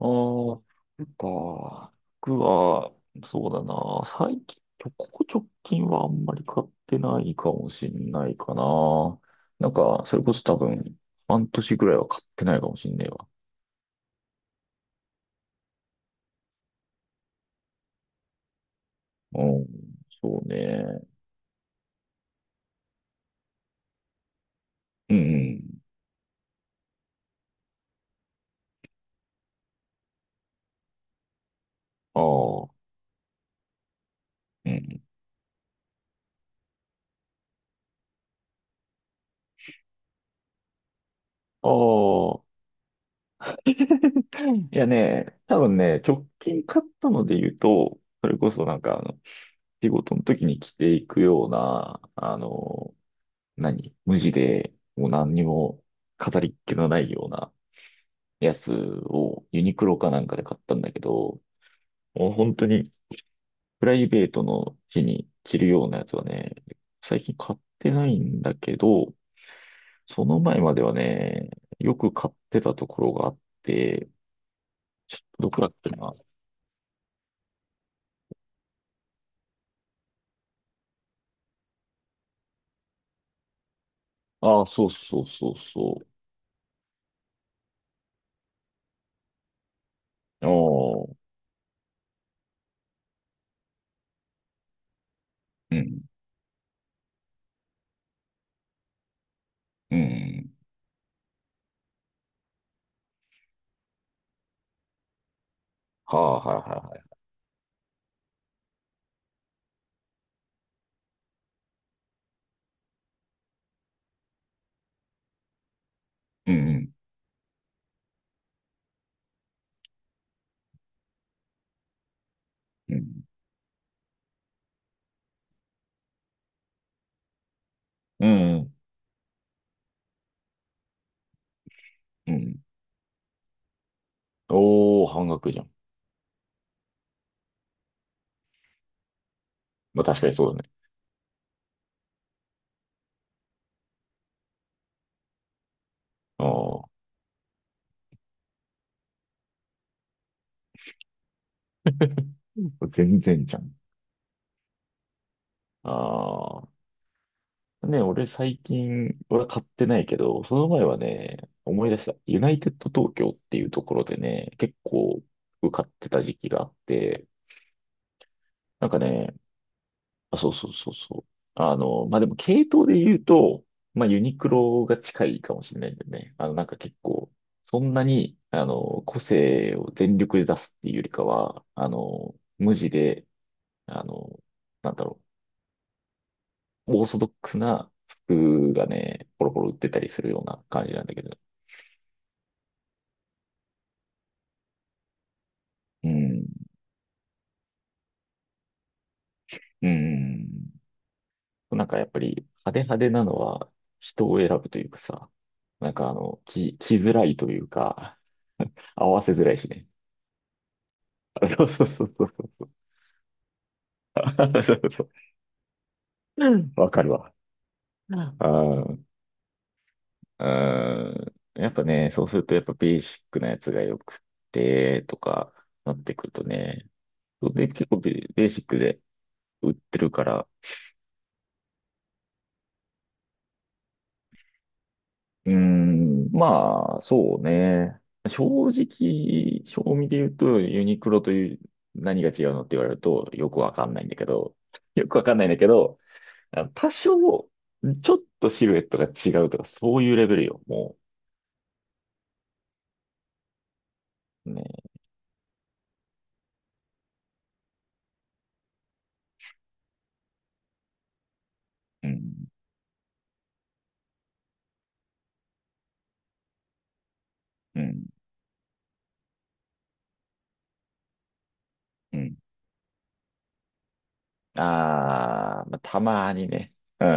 ああ、なんか、僕は、そうだな、最近、ここ直近はあんまり買ってないかもしんないかな。なんか、それこそ多分、半年ぐらいは買ってないかもしんねえわ。うん、そうね。うん、ああ、うん。ああ、いやね、多分ね、直近買ったので言うと、それこそなんか、あの、仕事の時に着ていくような、あの、何無地で、もう何にも飾りっ気のないようなやつをユニクロかなんかで買ったんだけど、もう本当にプライベートの日に着るようなやつはね、最近買ってないんだけど、その前まではね、よく買ってたところがあって、ちょっとどこだっけな。ああ、そうそうそうそう。ああ、うん、うん。はあ、はいはいはい。うん、うん、うん、うん、うん。おー、半額じゃん。まあ確かにそうだね。ああ、全然じゃん。ああ。ね、俺最近、俺は買ってないけど、その前はね、思い出した。ユナイテッド東京っていうところでね、結構服買ってた時期があって、なんかね、あ、そうそうそうそう。あの、まあ、でも系統で言うと、まあ、ユニクロが近いかもしれないんだよね。あの、なんか結構、そんなに、あの、個性を全力で出すっていうよりかは、あの、無地で、あの、なんだろう。オーソドックスな服がね、ポロポロ売ってたりするような感じなんだけど。うん。うん。なんかやっぱり派手派手なのは人を選ぶというかさ、なんかあの、着づらいというか、合わせづらいしね。そうそうそうそうそう。そうそう。わかるわ。うん。あーうん。やっぱね、そうするとやっぱベーシックなやつがよくて、とかなってくるとね。で、結構ベベーシックで売ってるから、うーん、まあ、そうね。正直、正味で言うと、ユニクロという何が違うのって言われると、よくわかんないんだけど、よくわかんないんだけど、あの多少、ちょっとシルエットが違うとか、そういうレベルよ、もう。ね。うん、うん、うん。あー、まあ、たまにね。うん、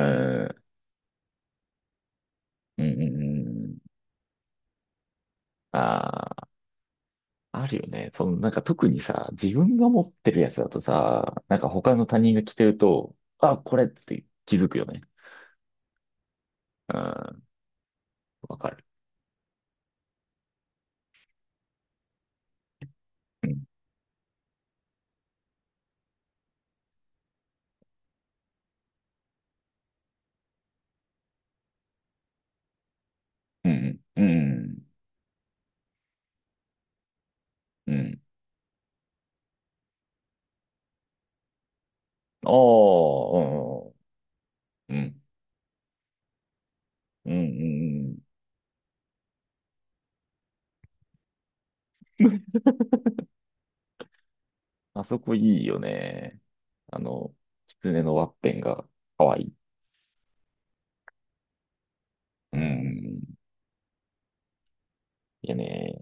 うん、うん。うんあーあるよね。その、なんか特にさ、自分が持ってるやつだとさ、なんか他の他人が着てると、あ、これって気づくよね。うん、わかる。うん、うん、うん、うん。ああ、うん、うん、うん、うん。うんあそこいいよね。あの、狐のワッペンが可愛いい。うん、いやね。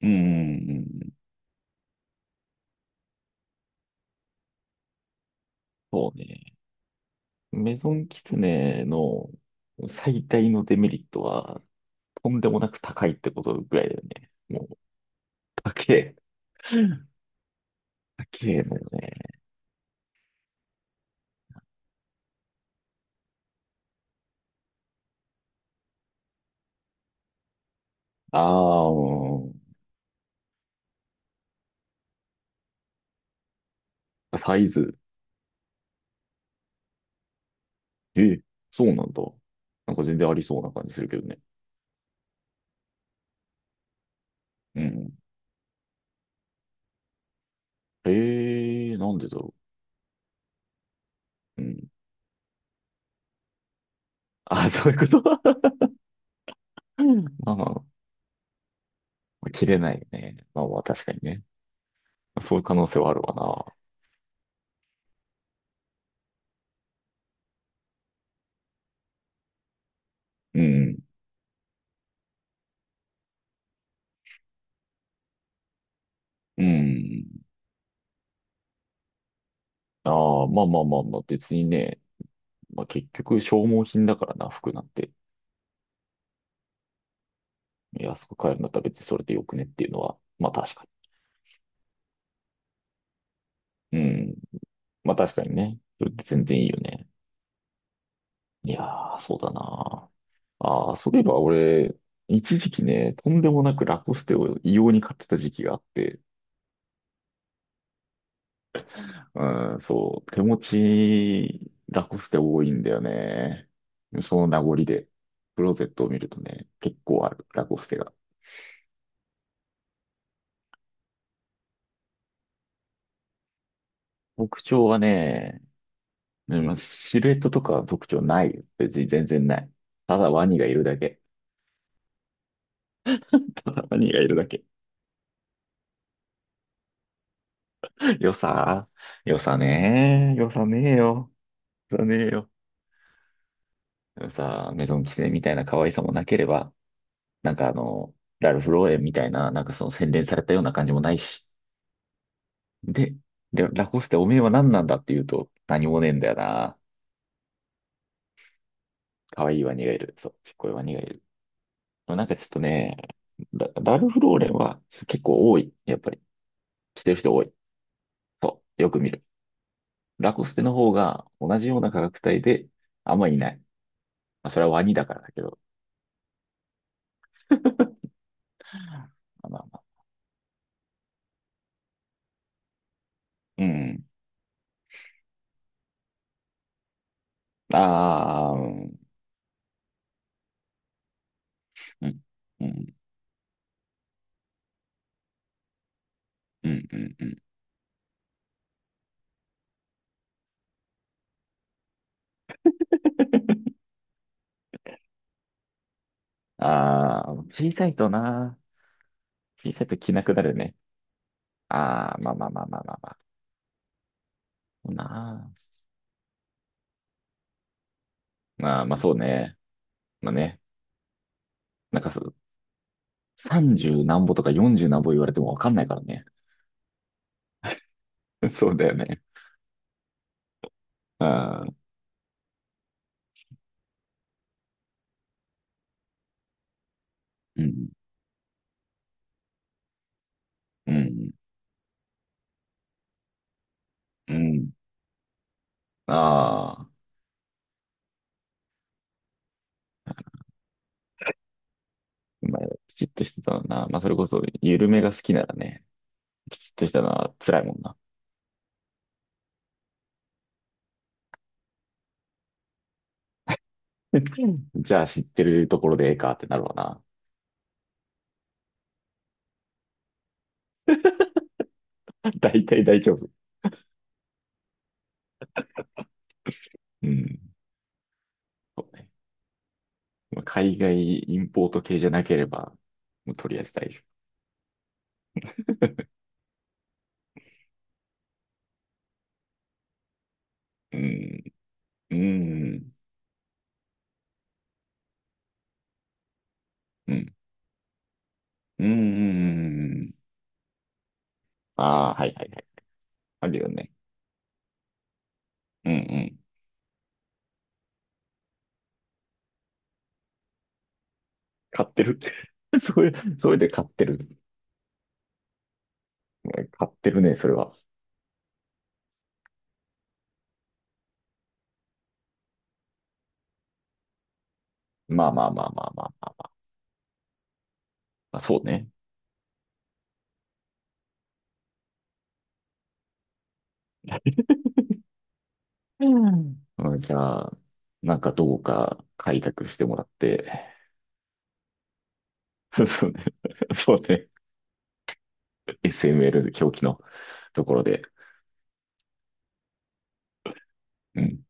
うん、そうね。メゾン狐の最大のデメリットは、とんでもなく高いってことぐらいだよね。もう、高え。高えのよね。ああ、うん。サイズ。え、そうなんだ。なんか全然ありそうな感じするけどね。うん。ええーなんでだろう。うん。あ、そういうこと うんまあ まあ、まあ切れないよね。まあまあ、確かにね。そういう可能性はあるわな。うん。うん。ああ、まあまあまあまあ、別にね。まあ結局消耗品だからな、服なんて。安く買えるんだったら別にそれでよくねっていうのは、まあ確かに。うん。まあ確かにね。それって全然いいよね。いやー、そうだな。ああ、そういえば俺、一時期ね、とんでもなくラコステを異様に買ってた時期があって、うん、そう、手持ち、ラコステ多いんだよね。その名残で、クローゼットを見るとね、結構ある、ラコステが。特徴はね、でもシルエットとかは特徴ないよ。別に全然ない。ただワニがいるだけ。ただワニがいるだけ。よさ、よさねー、よさねーよ。だねえよ。でもさ、メゾンキセみたいな可愛さもなければ、なんかあの、ラルフローレンみたいな、なんかその洗練されたような感じもないし。で、ララコステおめえは何なんだって言うと、何もねえんだよな。可愛いワニがいる。そう、ちっこいワニがいる。まあなんかちょっとね、ラルフローレンは結構多い。やっぱり。着てる人多い。そう、よく見る。ラコステの方が同じような価格帯で、あんまいない。まあそれはワニだからだけど。まあまあまあ。うん。ああ、うん。うん。うんうんうんうん。ああ、小さいとな、小さいと着なくなるね。ああ、まあまあまあまあまあまあ。そうなあ。まあまあそうね。まあね。なんかそさんじゅう、30何歩とか40何歩言われてもわかんないからね。そうだよね。ああ、うん、うん、うん。ああ、まあ、きちっとしてたのな。まあそれこそ、緩めが好きならね、きちっとしたのは辛いもんな。じゃあ知ってるところでええかってなるわな。大体大丈夫。うん。そうねまあ海外インポート系じゃなければ、もうとりあえず大丈夫。うん、うん、うん、うん、うん。ああー、はいはいはい。あるよね。うんうん。買ってる。それ、それで買ってる。買ってるね、それは。まあまあまあまあまあまあ。まあそうね。うんうんじゃあ、なんかどうか開拓してもらって、そうね。そうね。SML 狂気のところで。うん